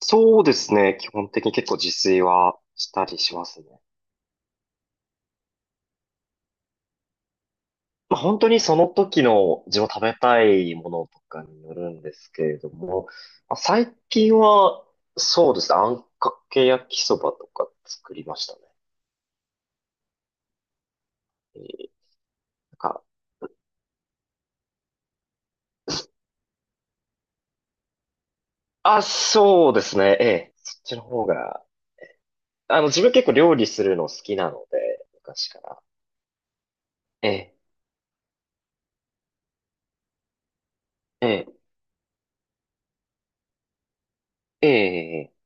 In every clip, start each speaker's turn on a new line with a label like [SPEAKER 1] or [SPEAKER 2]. [SPEAKER 1] そうですね。基本的に結構自炊はしたりしますね。まあ、本当にその時の自分食べたいものとかによるんですけれども、まあ、最近はそうですね。あんかけ焼きそばとか作りましたね。えーなんか、あ、そうですね。ええ、そっちの方が、自分結構料理するの好きなので、昔から。ええ、ええ、ええ、ええ、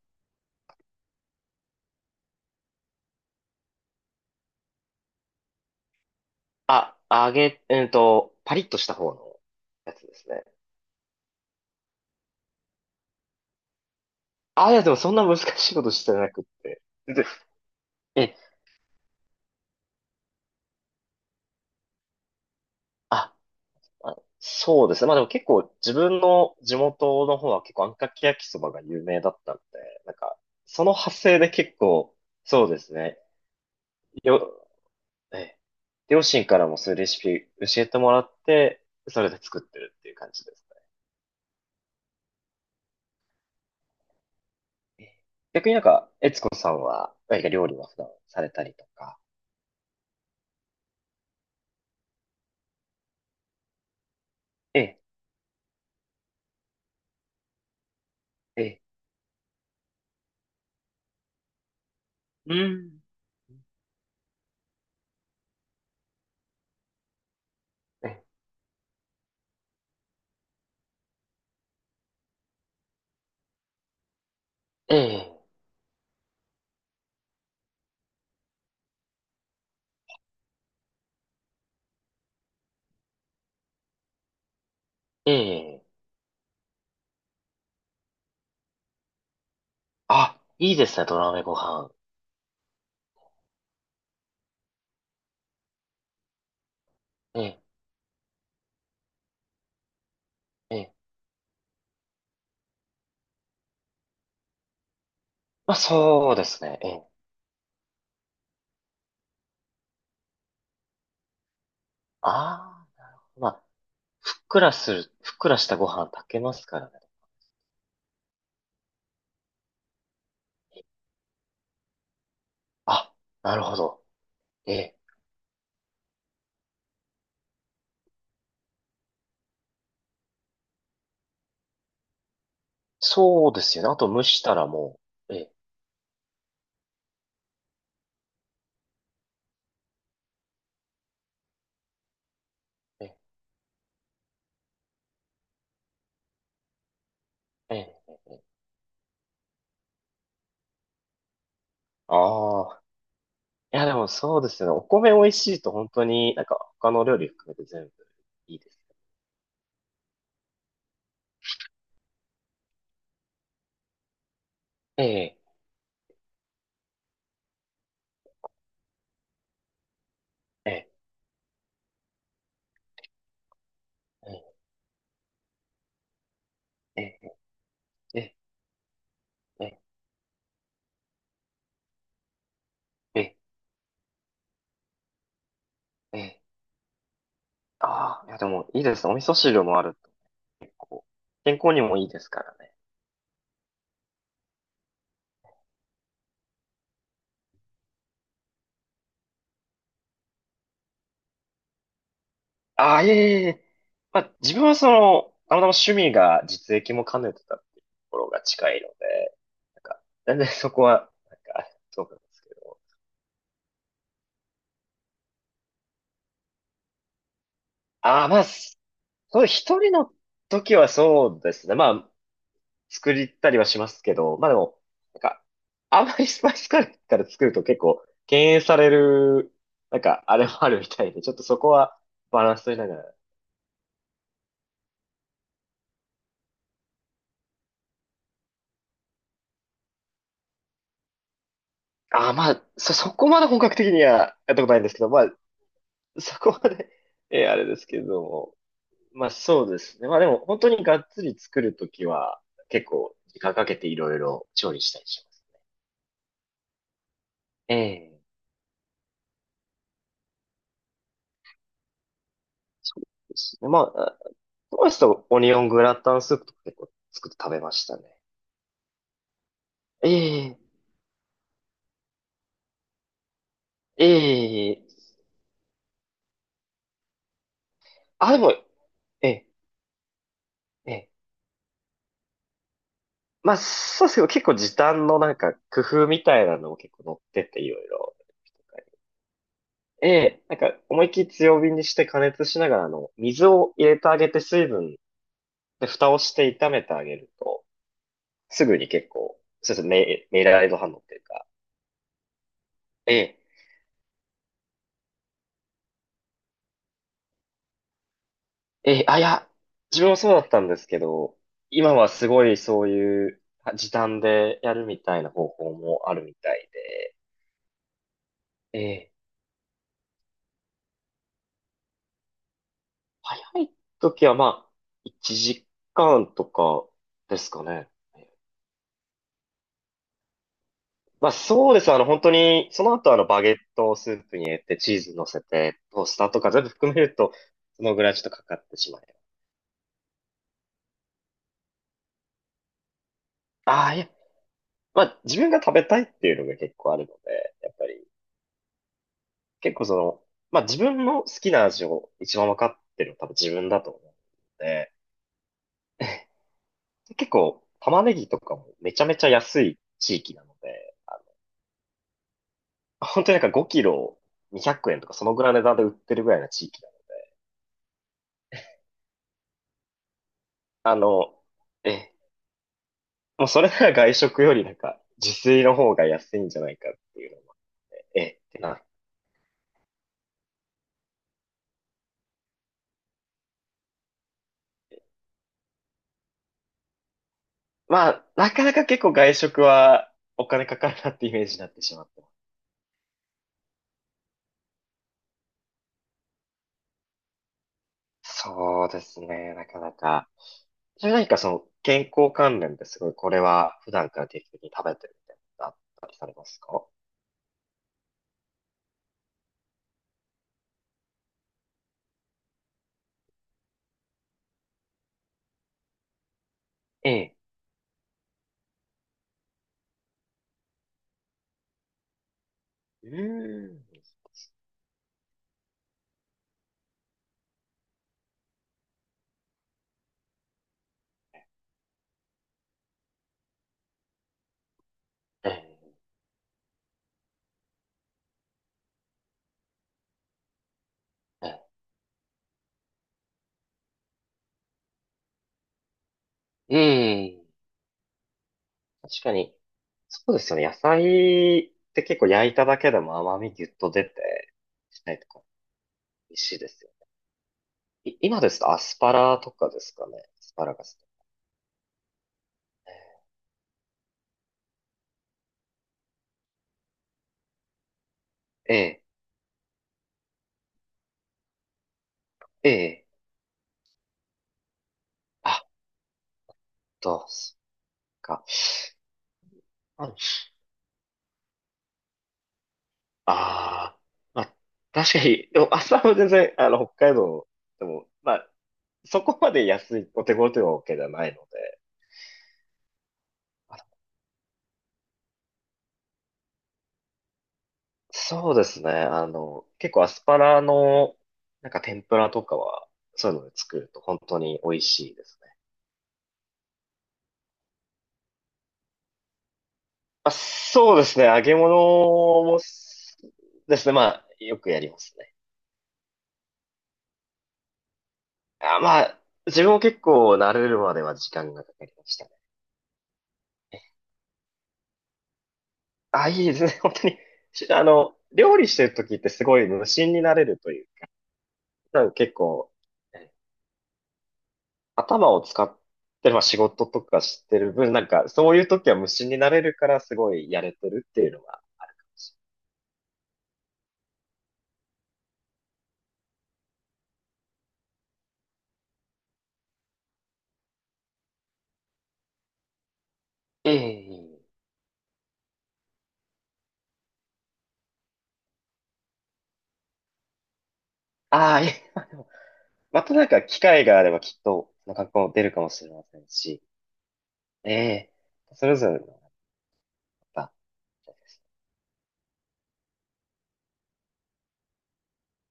[SPEAKER 1] あ、揚げ、えっと、パリッとした方のやつですね。あ、いや、でもそんな難しいことしてなくって。で、え、あ、あ、そうですね。まあでも結構自分の地元の方は結構あんかけ焼きそばが有名だったんで、なんか、その派生で結構、そうですね。よ、え、両親からもそういうレシピ教えてもらって、それで作ってるっていう感じですね。逆になんか、悦子さんは、何か料理は普段されたりとか？ええ、ええ、うん。え、え、ええ、ええ、あ、いいですね、土鍋ご飯。ええ、ええ。まあ、そうですね。ええ。ああ、まあ、ふっくらしたご飯炊けますからね。あ、なるほど。ええ。そうですよね。あと蒸したらもう、ええ、ええ、ええ。ああ。いや、でもそうですよね。お米美味しいと本当になんか他の料理含めて全部いいですね。ええ、ええ、ええ、ええ、ええ、ええ、ええ。ああ、いや、でもいいですね。お味噌汁もあると結構、健康にもいいですからね。ああ、いえいえいえ。まあ、自分はその、たまたま趣味が実益も兼ねてたっていうところが近いので、なんか、全然そこは、なんか、あれそうなんですけど。ああ、まあ、そう、一人の時はそうですね。まあ、作りたりはしますけど、まあでも、なんか、あんまりスパイスカレーから作ると結構、敬遠される、なんか、あれもあるみたいで、ちょっとそこはバランス取りながら。ああ、まあ、そこまで本格的にはやったことないんですけど、まあ、そこまであれですけども。まあそうですね。まあでも本当にがっつり作るときは結構時間かけていろいろ調理したりします。ええ。そうですね。まあ、トマスとオニオングラタンスープとか結構作って食べましたね。ええ、ええ、あ、でも、ええ、ええ。まあそうですけど結構時短のなんか工夫みたいなのも結構載ってていろいろ。ええ、なんか思いっきり強火にして加熱しながら水を入れてあげて水分で、蓋をして炒めてあげると、すぐに結構、そうですね、メイラード反応っていうか、ええ、ええ、あ、いや、自分もそうだったんですけど、今はすごいそういう時短でやるみたいな方法もあるみたいで、ええ、早い時はまあ、1時間とかですかね。まあそうです。本当に、その後バゲットをスープに入れてチーズ乗せて、トースターとか全部含めると、そのぐらいちょっとかかってしまいます。ああ、いや、まあ、自分が食べたいっていうのが結構あるので、やっぱり、結構まあ自分の好きな味を一番分かってるのは多分自分だと思うので、結構玉ねぎとかもめちゃめちゃ安い地域なので、本当になんか5キロ200円とかそのぐらいの値段で売ってるぐらいな地域なので。あの、え、もうそれなら外食よりなんか自炊の方が安いんじゃないかっていうのも、ってな。まあ、なかなか結構外食はお金かかるなってイメージになってしまって。そうですね、なかなか。それ何かその健康関連ですごい、これは普段から定期的に食べてるみたいなのあったりされますか？ええ、うーん。ええ、ええ、確かに、そうですよね。野菜って結構焼いただけでも甘みぎゅっと出て、しないとか、美味しいですよ。今ですとアスパラとかですかね。アスパラガス。ええ、ええ、あ、どうすか。あああ、まあ、確かに、でも朝は全然、北海道でも、まあ、そこまで安い、お手頃というわけではないので、あそうですね、結構アスパラの、なんか天ぷらとかは、そういうので作ると本当に美味しいですね。まあ、そうですね、揚げ物もす、ですね、まあ、よくやりますね。あ、まあ、自分も結構慣れるまでは時間がかかりましたね。あ、いいですね。本当に。しあの、料理してる時ってすごい無心になれるというか、なんか結構、え頭を使ってる、まあ仕事とかしてる分、なんかそういう時は無心になれるからすごいやれてるっていうのがええ。ああ、いえ、まあでもまたなんか機会があればきっと、その格好も出るかもしれませんし、ええ、それぞれのまた